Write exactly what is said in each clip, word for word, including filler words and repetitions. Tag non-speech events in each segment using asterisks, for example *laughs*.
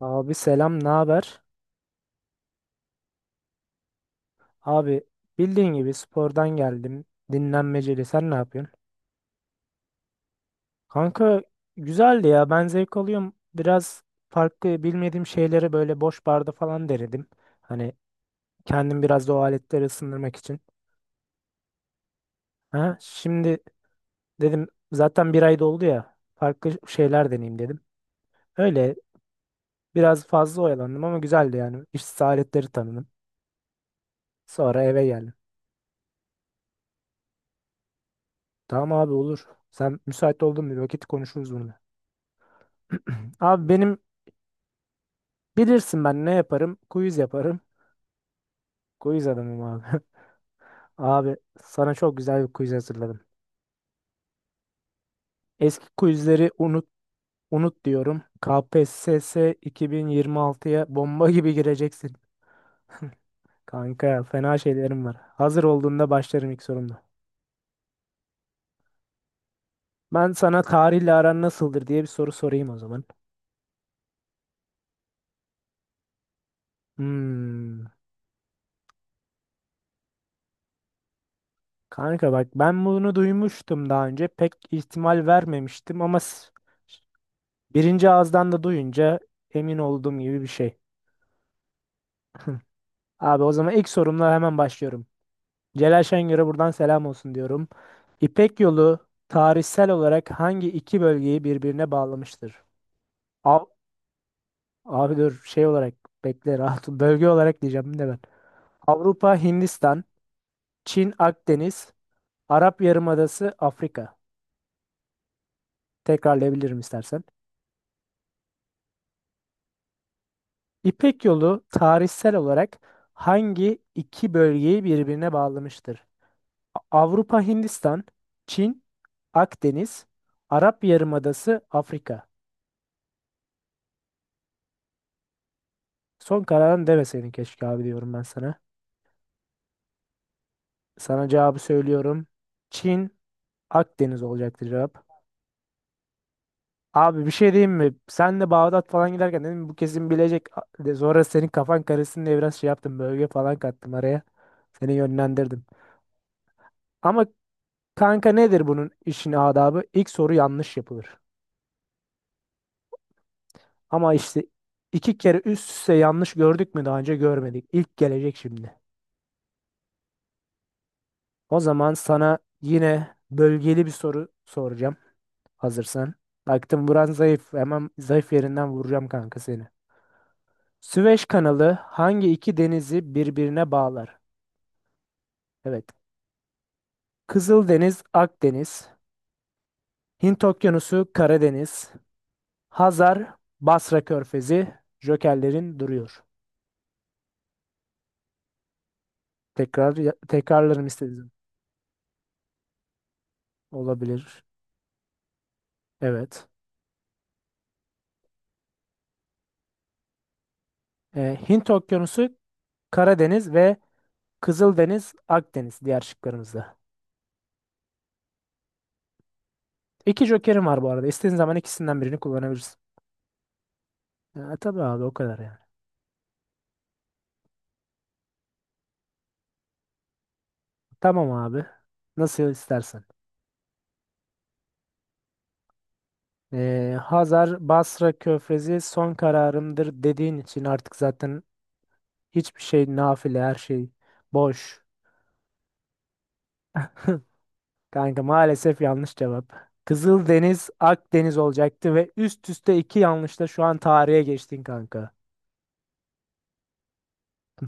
Abi selam, ne haber? Abi bildiğin gibi spordan geldim. Dinlenmeceli. Sen ne yapıyorsun? Kanka güzeldi ya. Ben zevk alıyorum. Biraz farklı bilmediğim şeyleri böyle boş barda falan denedim. Hani kendim biraz da o aletleri ısındırmak için. Ha, şimdi dedim zaten bir ay doldu ya. Farklı şeyler deneyeyim dedim. Öyle biraz fazla oyalandım ama güzeldi yani. İşsiz aletleri tanıdım. Sonra eve geldim. Tamam abi olur. Sen müsait oldun mu, bir vakit konuşuruz bunu? *clears throat* Abi benim, bilirsin ben ne yaparım? Quiz yaparım. Quiz adamım abi. *laughs* Abi sana çok güzel bir quiz hazırladım. Eski quizleri unut unut diyorum. K P S S iki bin yirmi altıya bomba gibi gireceksin. Kanka fena şeylerim var. Hazır olduğunda başlarım ilk sorumla. Ben sana tarihle aran nasıldır diye bir soru sorayım o zaman. Hmm. Kanka bak ben bunu duymuştum daha önce. Pek ihtimal vermemiştim ama s- birinci ağızdan da duyunca emin olduğum gibi bir şey. Abi o zaman ilk sorumla hemen başlıyorum. Celal Şengör'e buradan selam olsun diyorum. İpek Yolu tarihsel olarak hangi iki bölgeyi birbirine bağlamıştır? Av abi dur, şey olarak bekle, rahat ol. Bölge olarak diyeceğim de ben. Avrupa, Hindistan, Çin, Akdeniz, Arap Yarımadası, Afrika. Tekrarlayabilirim istersen. İpek Yolu tarihsel olarak hangi iki bölgeyi birbirine bağlamıştır? A- Avrupa, Hindistan, Çin, Akdeniz, Arap Yarımadası, Afrika. Son kararın deme senin, keşke abi diyorum ben sana. Sana cevabı söylüyorum. Çin, Akdeniz olacaktı cevap. Abi bir şey diyeyim mi? Sen de Bağdat falan giderken dedim bu kesin bilecek. A- De Sonra senin kafan karışsın diye biraz şey yaptım. Bölge falan kattım araya. Seni yönlendirdim. Ama kanka nedir bunun işin adabı? İlk soru yanlış yapılır. Ama işte iki kere üst üste yanlış gördük mü daha önce? Görmedik. İlk gelecek şimdi. O zaman sana yine bölgeli bir soru soracağım. Hazırsan. Baktım buran zayıf. Hemen zayıf yerinden vuracağım kanka seni. Süveyş kanalı hangi iki denizi birbirine bağlar? Evet. Kızıldeniz, Akdeniz. Hint Okyanusu, Karadeniz. Hazar, Basra Körfezi. Jokerlerin duruyor. Tekrar tekrarlarım istedim. Olabilir. Evet. Ee, Hint Okyanusu, Karadeniz ve Kızıldeniz, Akdeniz diğer şıklarımızda. İki jokerim var bu arada. İstediğin zaman ikisinden birini kullanabilirsin. Ya, tabii abi, o kadar yani. Tamam abi. Nasıl istersen. Ee, Hazar Basra Körfezi son kararımdır dediğin için artık zaten hiçbir şey nafile, her şey boş. Kanka maalesef yanlış cevap. Kızıldeniz Akdeniz olacaktı ve üst üste iki yanlışla şu an tarihe geçtin kanka.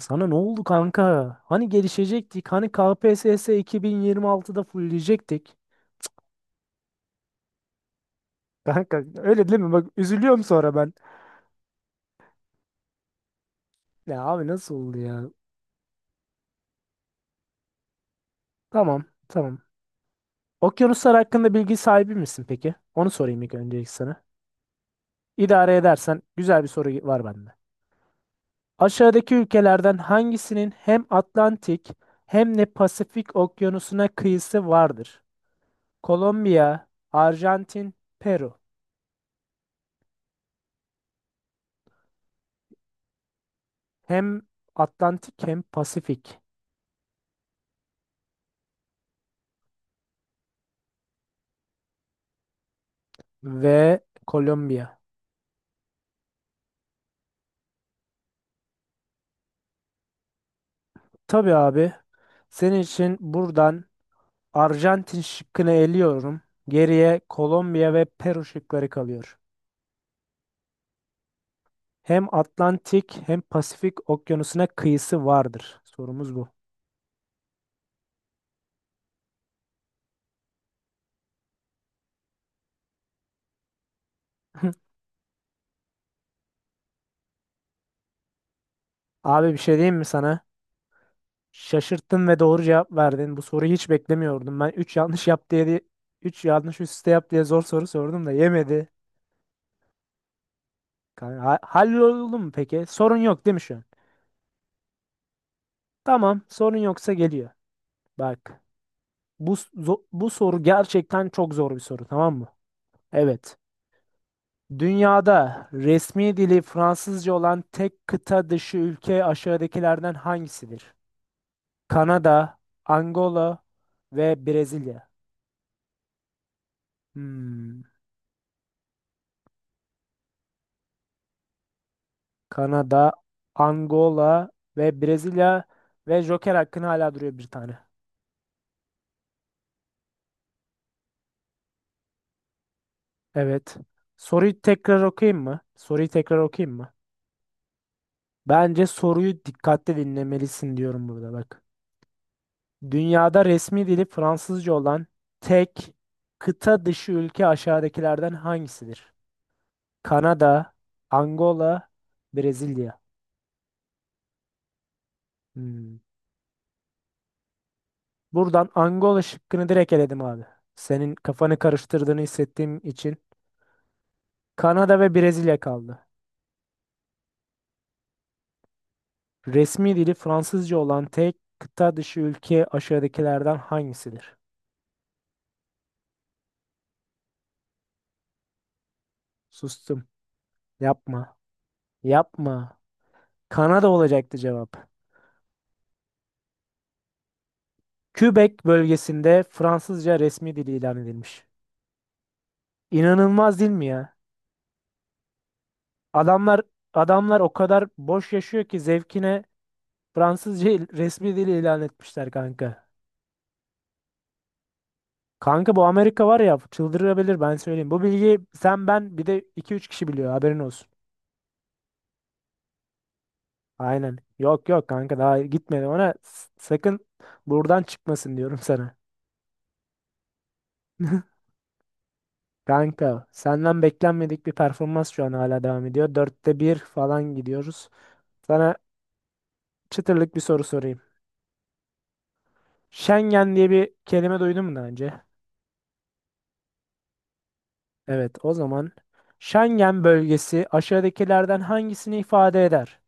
Sana ne oldu kanka? Hani gelişecektik? Hani K P S S iki bin yirmi altıda fulleyecektik? Kanka öyle değil mi? Bak üzülüyorum sonra ben. Ya abi nasıl oldu ya? Tamam tamam. Okyanuslar hakkında bilgi sahibi misin peki? Onu sorayım ilk önce ilk sana. İdare edersen güzel bir soru var bende. Aşağıdaki ülkelerden hangisinin hem Atlantik hem de Pasifik okyanusuna kıyısı vardır? Kolombiya, Arjantin, Peru. Hem Atlantik hem Pasifik ve Kolombiya. Tabii abi. Senin için buradan Arjantin şıkkını eliyorum. Geriye Kolombiya ve Peru şıkları kalıyor. Hem Atlantik hem Pasifik okyanusuna kıyısı vardır. Sorumuz bu. *laughs* Abi bir şey diyeyim mi sana? Şaşırttın ve doğru cevap verdin. Bu soruyu hiç beklemiyordum. Ben üç yanlış yap diye, üç yanlış üst üste yap diye zor soru sordum da yemedi. Kanka, ha- halloldu mu peki? Sorun yok değil mi şu an? Tamam, sorun yoksa geliyor. Bak. Bu s- zo- bu soru gerçekten çok zor bir soru, tamam mı? Evet. Dünyada resmi dili Fransızca olan tek kıta dışı ülke aşağıdakilerden hangisidir? Kanada, Angola ve Brezilya. Hmm. Kanada, Angola ve Brezilya ve joker hakkın hala duruyor bir tane. Evet. Soruyu tekrar okuyayım mı? Soruyu tekrar okuyayım mı? Bence soruyu dikkatli dinlemelisin diyorum burada bak. Dünyada resmi dili Fransızca olan tek kıta dışı ülke aşağıdakilerden hangisidir? Kanada, Angola, Brezilya. Hmm. Buradan Angola şıkkını direkt eledim abi. Senin kafanı karıştırdığını hissettiğim için Kanada ve Brezilya kaldı. Resmi dili Fransızca olan tek kıta dışı ülke aşağıdakilerden hangisidir? Sustum. Yapma. Yapma. Kanada olacaktı cevap. Quebec bölgesinde Fransızca resmi dili ilan edilmiş. İnanılmaz değil mi ya? Adamlar adamlar o kadar boş yaşıyor ki zevkine Fransızca il- resmi dil ilan etmişler kanka. Kanka bu Amerika var ya çıldırabilir, ben söyleyeyim. Bu bilgiyi sen, ben, bir de iki üç kişi biliyor, haberin olsun. Aynen. Yok yok kanka, daha gitmedi ona. S- Sakın buradan çıkmasın diyorum sana. *laughs* Kanka senden beklenmedik bir performans şu an hala devam ediyor. Dörtte bir falan gidiyoruz. Sana çıtırlık bir soru sorayım. Schengen diye bir kelime duydun mu daha önce? Evet, o zaman Schengen bölgesi aşağıdakilerden hangisini ifade eder?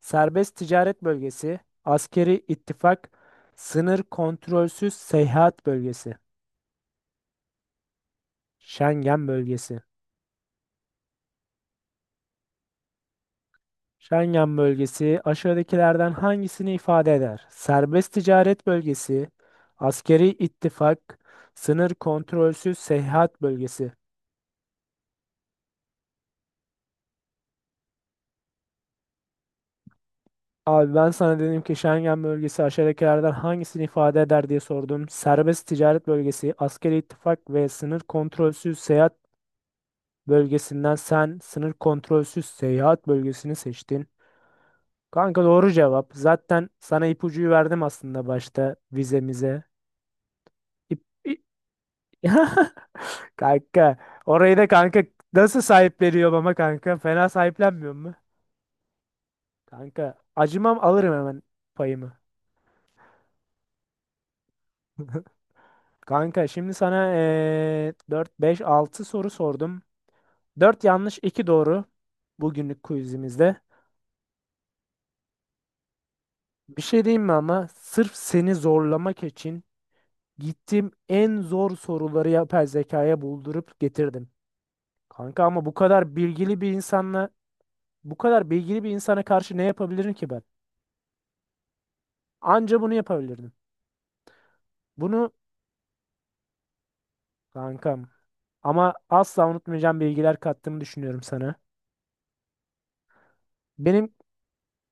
Serbest ticaret bölgesi, askeri ittifak, sınır kontrolsüz seyahat bölgesi. Schengen bölgesi. Schengen bölgesi aşağıdakilerden hangisini ifade eder? Serbest ticaret bölgesi, askeri ittifak, sınır kontrolsüz seyahat bölgesi. Abi ben sana dedim ki Schengen bölgesi aşağıdakilerden hangisini ifade eder diye sordum. Serbest ticaret bölgesi, askeri ittifak ve sınır kontrolsüz seyahat bölgesinden sen sınır kontrolsüz seyahat bölgesini seçtin. Kanka doğru cevap. Zaten sana ipucuyu verdim aslında başta vizemize. İp, i- *laughs* Kanka orayı da kanka nasıl sahipleniyorum ama, kanka fena sahiplenmiyor mu? Kanka acımam, alırım hemen payımı. *laughs* Kanka şimdi sana eee dört, beş, altı soru sordum. Dört yanlış, iki doğru bugünlük quizimizde. Bir şey diyeyim mi, ama sırf seni zorlamak için gittim en zor soruları yapay zekaya buldurup getirdim. Kanka ama bu kadar bilgili bir insanla bu kadar bilgili bir insana karşı ne yapabilirim ki ben? Anca bunu yapabilirdim. Bunu kankam ama asla unutmayacağım bilgiler kattığımı düşünüyorum sana. Benim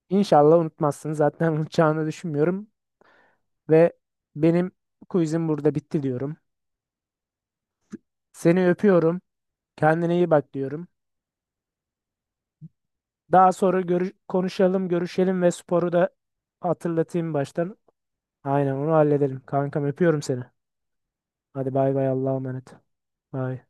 inşallah unutmazsın zaten, *laughs* unutacağını düşünmüyorum. Ve benim quizim burada bitti diyorum. Seni öpüyorum. Kendine iyi bak diyorum. Daha sonra görüş konuşalım, görüşelim ve sporu da hatırlatayım baştan. Aynen onu halledelim. Kankam öpüyorum seni. Hadi bay bay, Allah'a emanet. Bay.